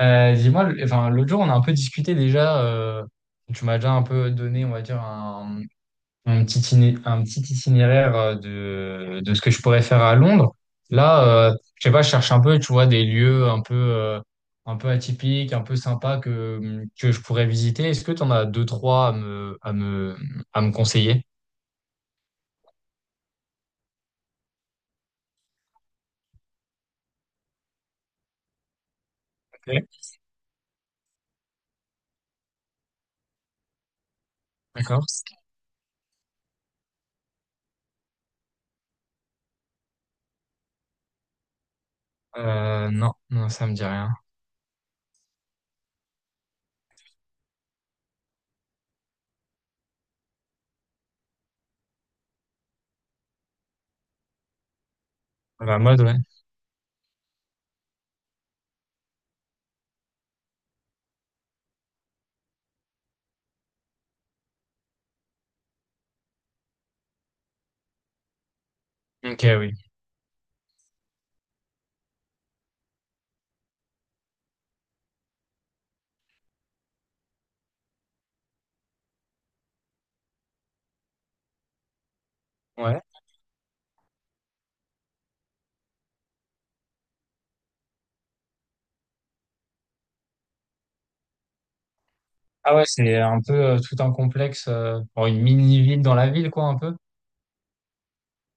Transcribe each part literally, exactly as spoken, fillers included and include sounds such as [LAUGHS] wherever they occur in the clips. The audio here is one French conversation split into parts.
Euh, dis-moi, le- enfin, l'autre jour, on a un peu discuté déjà. euh, tu m'as déjà un peu donné, on va dire, un, un petit, iné- un petit itinéraire euh, de, de ce que je pourrais faire à Londres. Là, euh, je sais pas, je cherche un peu, tu vois, des lieux un peu, euh, un peu atypiques, un peu sympas que, que je pourrais visiter. Est-ce que tu en as deux, trois à me, à me, à me conseiller? Ok. D'accord. Euh, non, non, ça me dit rien. La mode, ouais. Ok, oui. Ouais. Ah ouais, c'est un peu euh, tout un complexe, euh, bon, une mini-ville dans la ville, quoi, un peu.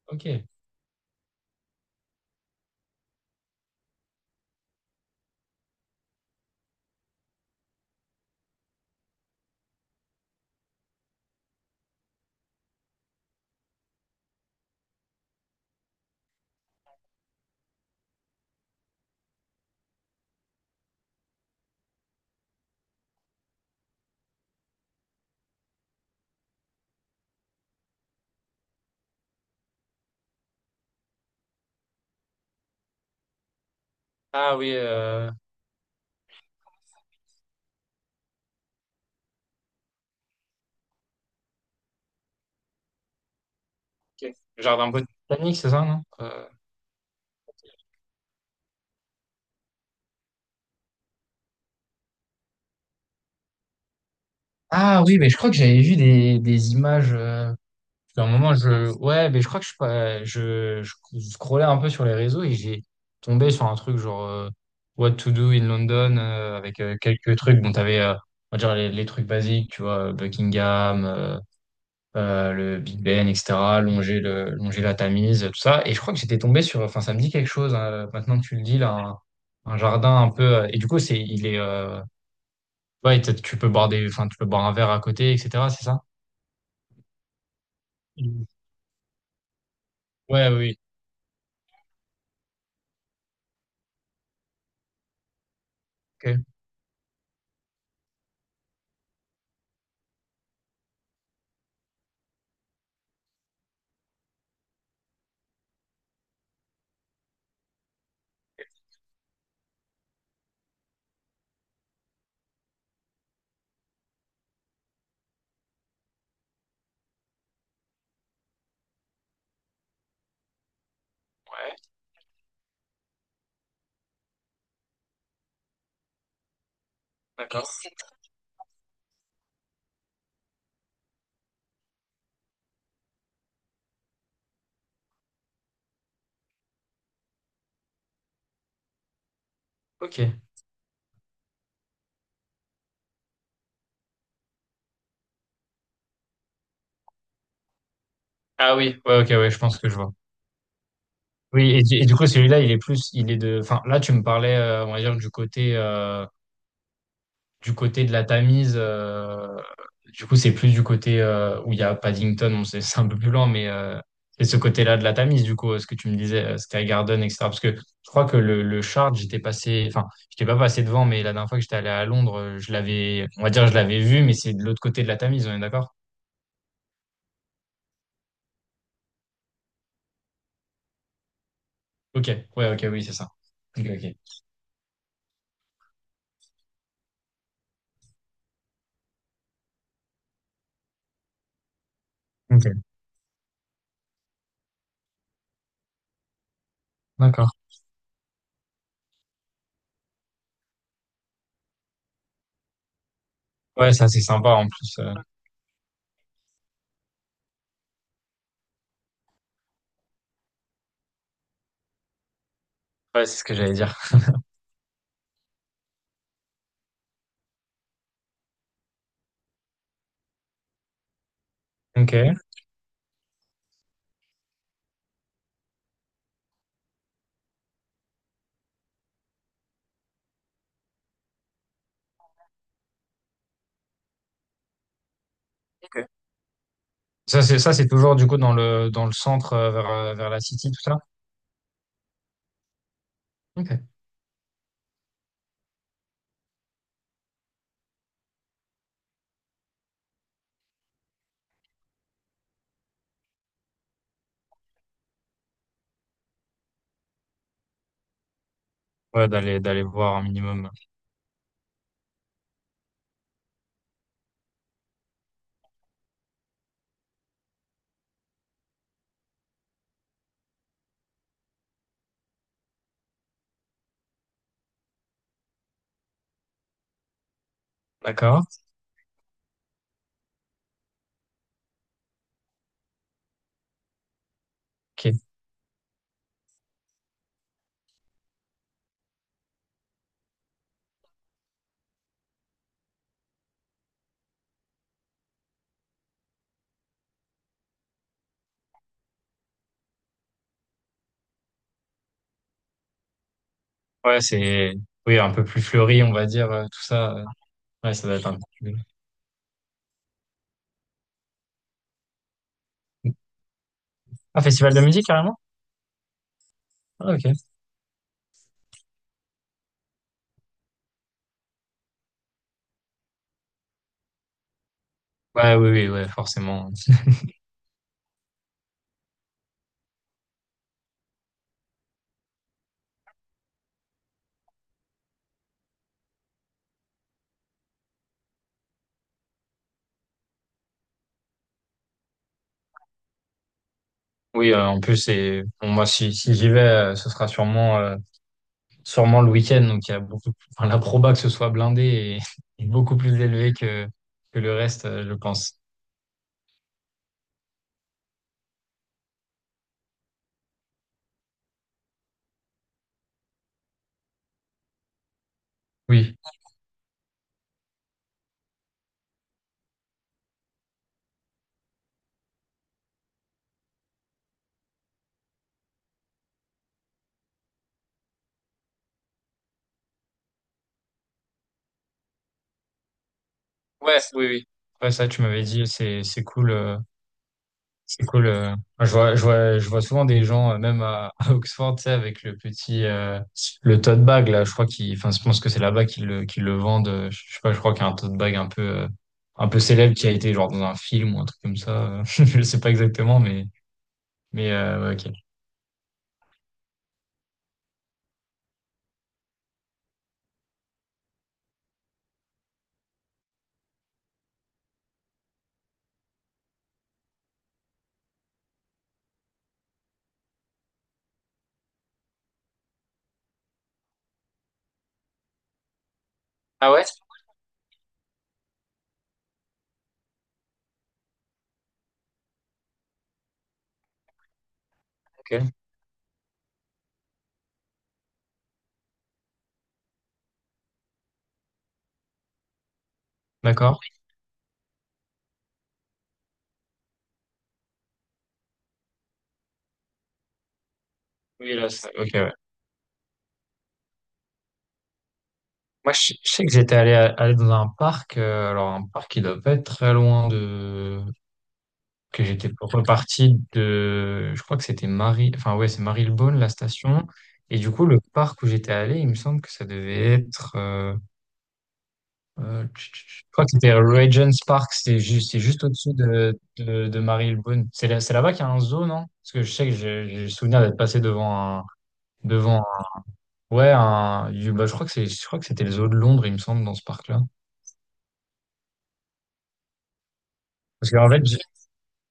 Ok. Ah oui, euh, ok. Genre un peu de Titanic, c'est ça, non? Euh, Ah oui, mais je crois que j'avais vu des, des images. Euh... À un moment, je... Ouais, mais je crois que je, suis pas- je, je scrollais un peu sur les réseaux et j'ai tombé sur un truc genre euh, what to do in London euh, avec euh, quelques trucs. Bon, t'avais, euh, on va dire, les, les trucs basiques, tu vois, Buckingham, euh, euh, le Big Ben, et cetera, longer le, longer la Tamise, tout ça. Et je crois que j'étais tombé sur, enfin, ça me dit quelque chose, hein, maintenant que tu le dis, là, un, un jardin un peu, euh, et du coup, c'est, il est, euh, ouais, t'as- tu peux boire des, enfin, tu peux boire un verre à côté, et cetera, c'est ça? Mm. Ouais, oui, ok. Ouais, d'accord. Ok. Ah oui, ouais, ok, ouais, je pense que je vois. Oui, et, du et du coup, celui-là, il est plus, il est de, enfin, là, tu me parlais, euh, on va dire, du côté, euh, du côté de la Tamise, euh, du coup, c'est plus du côté euh, où il y a Paddington, bon, c'est [LAUGHS] c'est un peu plus lent, mais euh, c'est ce côté-là de la Tamise, du coup, euh, ce que tu me disais, euh, Sky Garden, et cetera. Parce que je crois que le, le Shard, j'étais passé, enfin, j'étais pas passé devant, mais la dernière fois que j'étais allé à Londres, euh, je l'avais, on va dire, je l'avais vu, mais c'est de l'autre côté de la Tamise, on est d'accord? Ok, ouais, ok, oui, c'est ça. Ok, ok. Ok, d'accord. Ouais, ça, c'est sympa en plus. euh. Ouais, c'est ce que j'allais dire. Ok. Ok. Ça, c'est ça, c'est toujours du coup dans le dans le centre euh, vers, euh, vers la City, tout ça? Ok. Ouais, d'aller d'aller voir un minimum. D'accord. Ok. Ouais, c'est oui un peu plus fleuri, on va dire euh, tout ça. euh. Ouais, ça doit être un peu plus- Ah, festival de musique carrément? Ah, ok. Ouais, oui, oui, ouais, forcément. [LAUGHS] Oui, euh, en plus c'est bon, moi si si j'y vais, euh, ce sera sûrement euh, sûrement le week-end, donc il y a beaucoup enfin, la proba que ce soit blindé est, [LAUGHS] est beaucoup plus élevée que que le reste, euh, je pense. Oui. Ouais, oui, oui. Ouais, ça tu m'avais dit, c'est c'est cool. euh, C'est cool. euh. Enfin, je vois, je vois, je vois souvent des gens, euh, même à, [LAUGHS] à Oxford, tu sais, avec le petit, euh, le tote bag, là. Je crois qu'ils, enfin, je pense que c'est là-bas qu'ils le, qu'ils le vendent. euh, Je sais pas, je crois qu'il y a un tote bag un peu, euh, un peu célèbre qui a été genre dans un film ou un truc comme ça. euh. [LAUGHS] Je sais pas exactement, mais, mais, euh, ouais, ok. Ah ouais? Ok. D'accord. Oui, là, ça- ok, ouais. Moi, je, je sais que j'étais allé, à- allé dans un parc, euh, alors un parc qui doit pas être très loin de que j'étais reparti de, je crois que c'était Marie, enfin ouais, c'est Marylebone, la station. Et du coup, le parc où j'étais allé, il me semble que ça devait être, euh, euh, tch, tch, tch, je crois que c'était Regent's Park, c'est juste, c'est juste au-dessus de, de, de Marylebone. C'est là, c'est là-bas qu'il y a un zoo, non? Parce que je sais que j'ai j'ai le souvenir d'être passé devant un, devant, un- ouais, un, bah, je crois que c'est, je crois que c'était le zoo de Londres, il me semble, dans ce parc-là. Parce qu'en fait,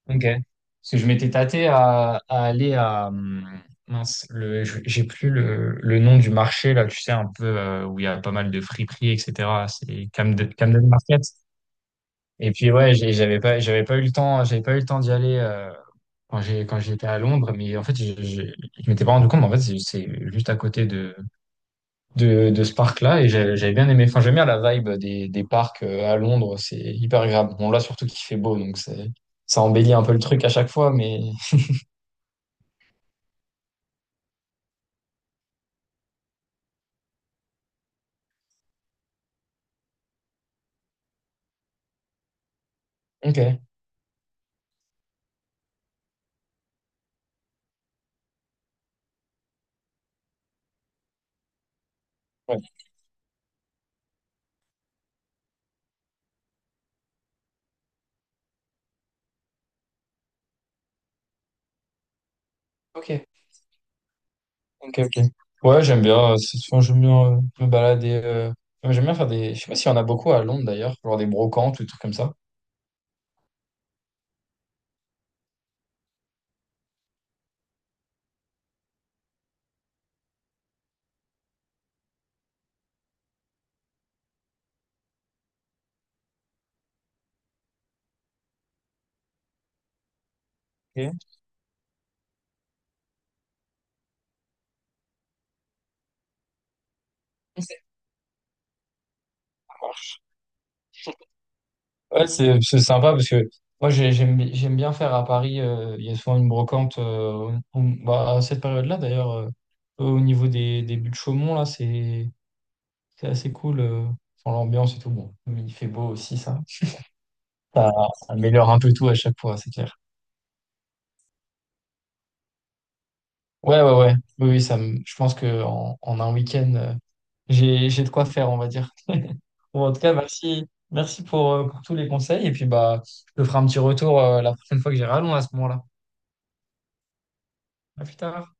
ok. Parce que je m'étais tâté à, à aller à. hum, Mince, le, je- j'ai plus le, le nom du marché, là, tu sais, un peu euh, où il y a pas mal de friperies, et cetera. C'est Camden, Camden Market. Et puis, ouais, j'ai- j'avais pas, j'avais pas eu le temps, j'avais pas eu le temps d'y aller euh, quand j'ai, quand j'étais à Londres. Mais en fait, je, je, je m'étais pas rendu compte, mais en fait, c'est c'est juste à côté de, de, de ce parc-là. Et j'ai- j'avais bien aimé. Enfin, j'aime bien la vibe des, des parcs euh, à Londres. C'est hyper agréable. Bon, là, surtout qu'il fait beau, donc c'est ça embellit un peu le truc à chaque fois, mais ok, ouais. Ok, ok, ok. Ouais, j'aime bien. euh, C'est souvent, j'aime bien euh, me balader. euh, Ouais, j'aime bien faire des. Je sais pas s'il y en a beaucoup à Londres d'ailleurs, genre des brocantes ou des trucs comme ça. Ok. Ouais, c'est c'est sympa parce que moi j'ai- j'aime bi- j'aime bien faire à Paris. Euh, il y a souvent une brocante euh, au- au- bah, à cette période-là d'ailleurs euh, au niveau des, des buts de Chaumont là c'est c'est assez cool. euh, Enfin, l'ambiance et tout bon, mais il fait beau aussi ça. Ça améliore un peu tout à chaque fois, c'est clair. Ouais ouais ouais oui oui ça me- je pense que en, en un week-end euh, j'ai j'ai de quoi faire on va dire. [LAUGHS] Bon, en tout cas merci merci pour, euh, pour tous les conseils et puis bah je te ferai un petit retour euh, la prochaine fois que j'irai à Londres à ce moment-là. À plus tard.